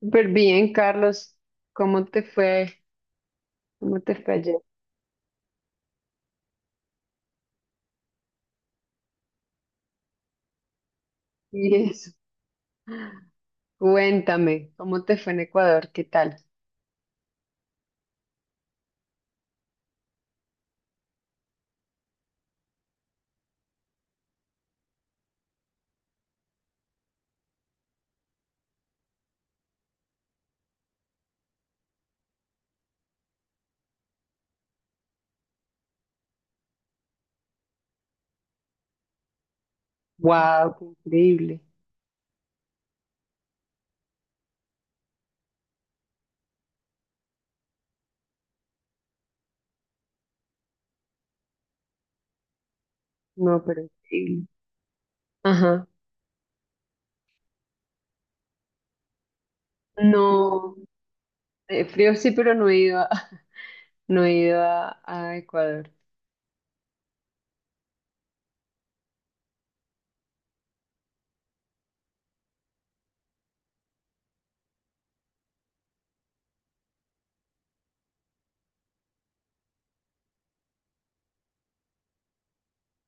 Súper bien, Carlos. ¿Cómo te fue? ¿Cómo te fue ayer? Y eso. Cuéntame, ¿cómo te fue en Ecuador? ¿Qué tal? Wow, qué increíble. No, pero increíble. Ajá. No, frío sí, pero no he ido a, no he ido a Ecuador.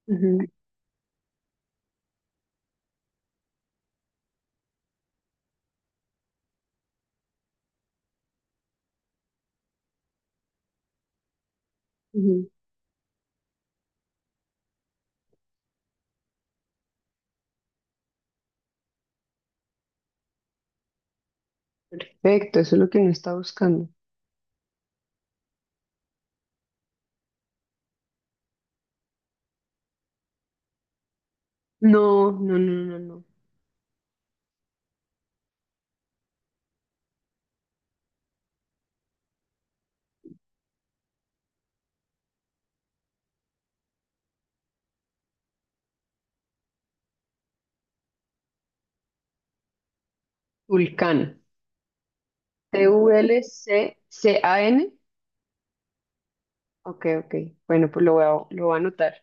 Ujú, ujú. Perfecto, eso es lo que uno está buscando. No, no, no, no, no. Vulcano. T-U-L-C-C-A-N. Ok, ok. Bueno, pues lo voy a anotar.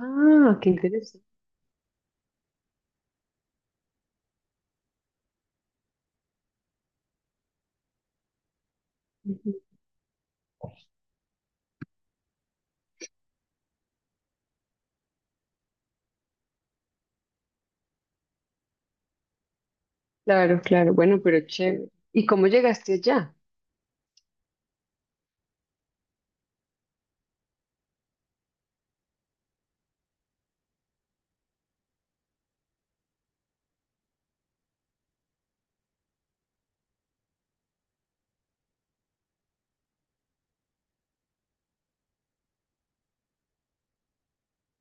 Ah, qué interesante. Claro, claro. Bueno, pero chévere. ¿Y cómo llegaste allá?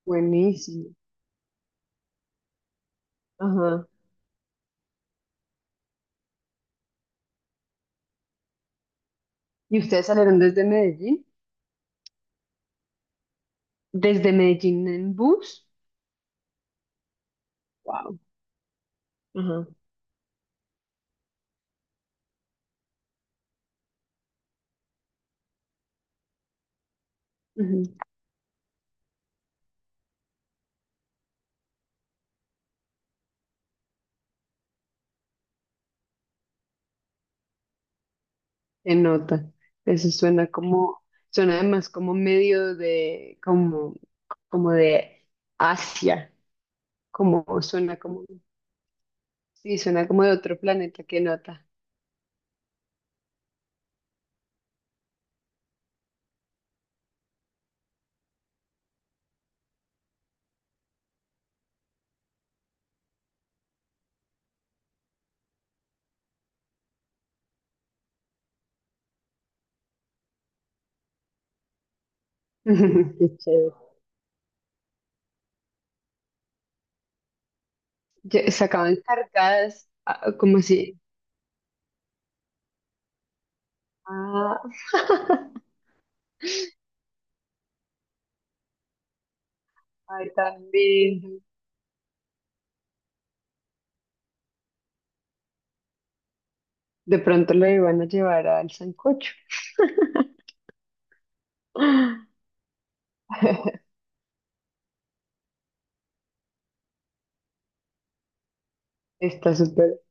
Buenísimo. Ajá. ¿Y ustedes salieron desde Medellín? ¿Desde Medellín en bus? Wow. Ajá. Ujú. Se nota. Eso suena como, suena además como medio de, como, como de Asia. Como suena como, sí, suena como de otro planeta. Qué nota. Qué chévere. Sacaban cargadas, ah, como si. Ah. Ay, también. De pronto lo iban a llevar al sancocho. Está súper.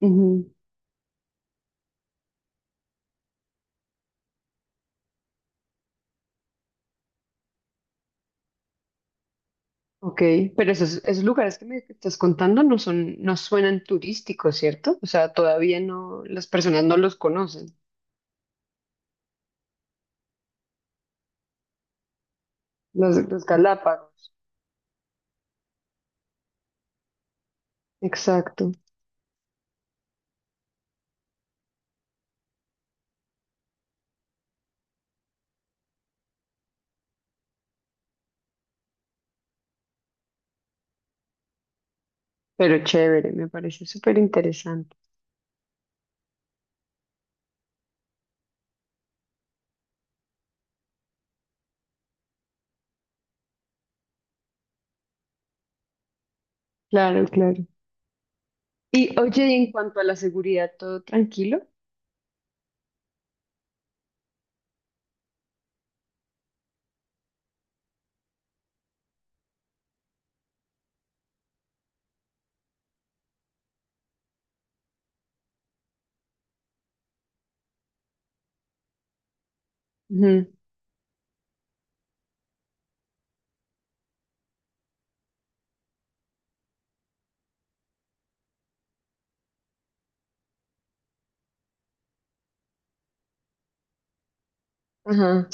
Ujú. Ok, pero esos lugares que me estás contando no son, no suenan turísticos, ¿cierto? O sea, todavía no, las personas no los conocen, los Galápagos. Exacto, pero chévere, me parece súper interesante. Claro, claro. Y oye, y en cuanto a la seguridad, ¿todo tranquilo? Ujú. Ajá.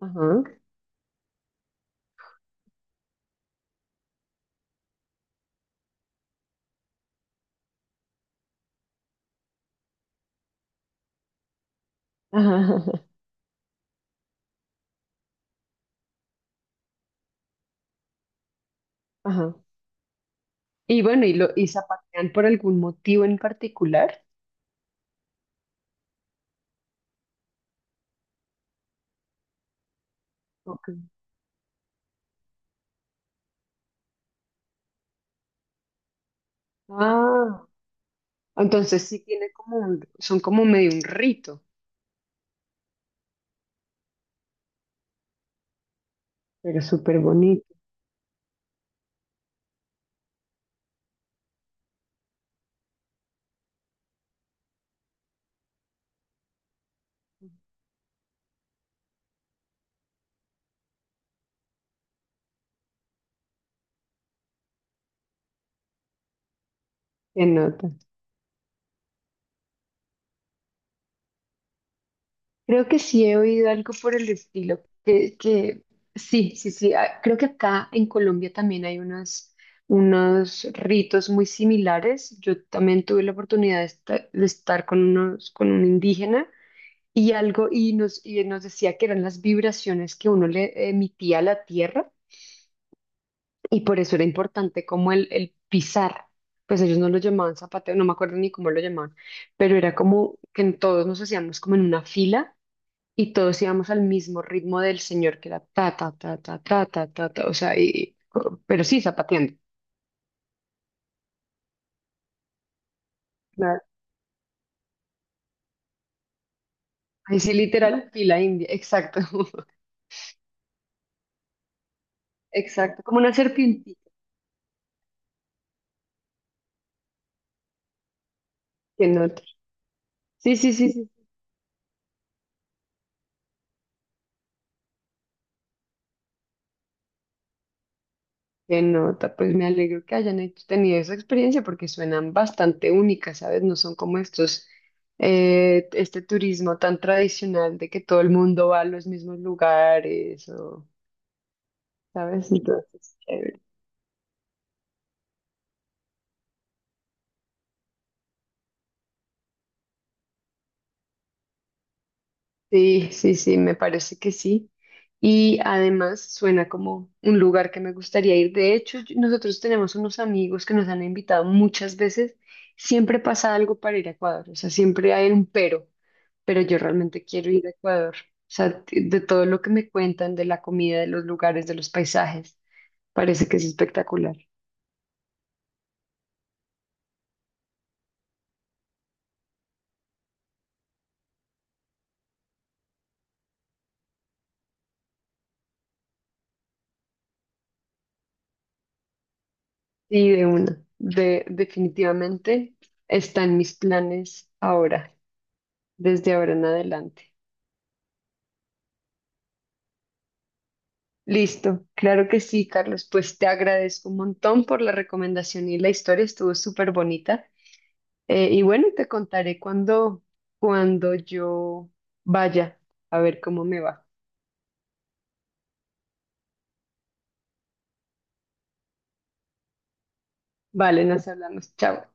Ajá. Ajá. Ajá. Ajá. Y bueno, y zapatean por algún motivo en particular. Ok. Ah, entonces sí tiene como un, son como medio un rito, pero súper bonito. Se nota. Creo que sí he oído algo por el estilo, que sí, sí, sí. Ah, creo que acá en Colombia también hay unos, unos ritos muy similares. Yo también tuve la oportunidad de de estar, con unos, con un indígena y algo, y nos decía que eran las vibraciones que uno le emitía a la tierra, y por eso era importante como el pisar. Pues ellos no lo llamaban zapateo, no me acuerdo ni cómo lo llamaban, pero era como que en todos nos hacíamos como en una fila y todos íbamos al mismo ritmo del señor, que era ta, ta, ta, ta, ta, ta, ta, ta, o sea, y, pero sí zapateando. Claro. Ahí sí, literal, fila india, exacto, exacto, como una serpientita que no. Sí, sí, sí, sí, qué nota, pues me alegro que hayan tenido esa experiencia porque suenan bastante únicas, ¿sabes? No son como estos, este turismo tan tradicional de que todo el mundo va a los mismos lugares, o, ¿sabes? Entonces, chévere. Sí, sí, sí, me parece que sí. Y además suena como un lugar que me gustaría ir. De hecho, nosotros tenemos unos amigos que nos han invitado muchas veces. Siempre pasa algo para ir a Ecuador, o sea, siempre hay un pero yo realmente quiero ir a Ecuador. O sea, de todo lo que me cuentan, de la comida, de los lugares, de los paisajes, parece que es espectacular. Sí, de una, de, definitivamente está en mis planes ahora, desde ahora en adelante. Listo, claro que sí, Carlos. Pues te agradezco un montón por la recomendación y la historia estuvo súper bonita. Y bueno, te contaré cuando, cuando yo vaya a ver cómo me va. Vale, nos hablamos. Chao.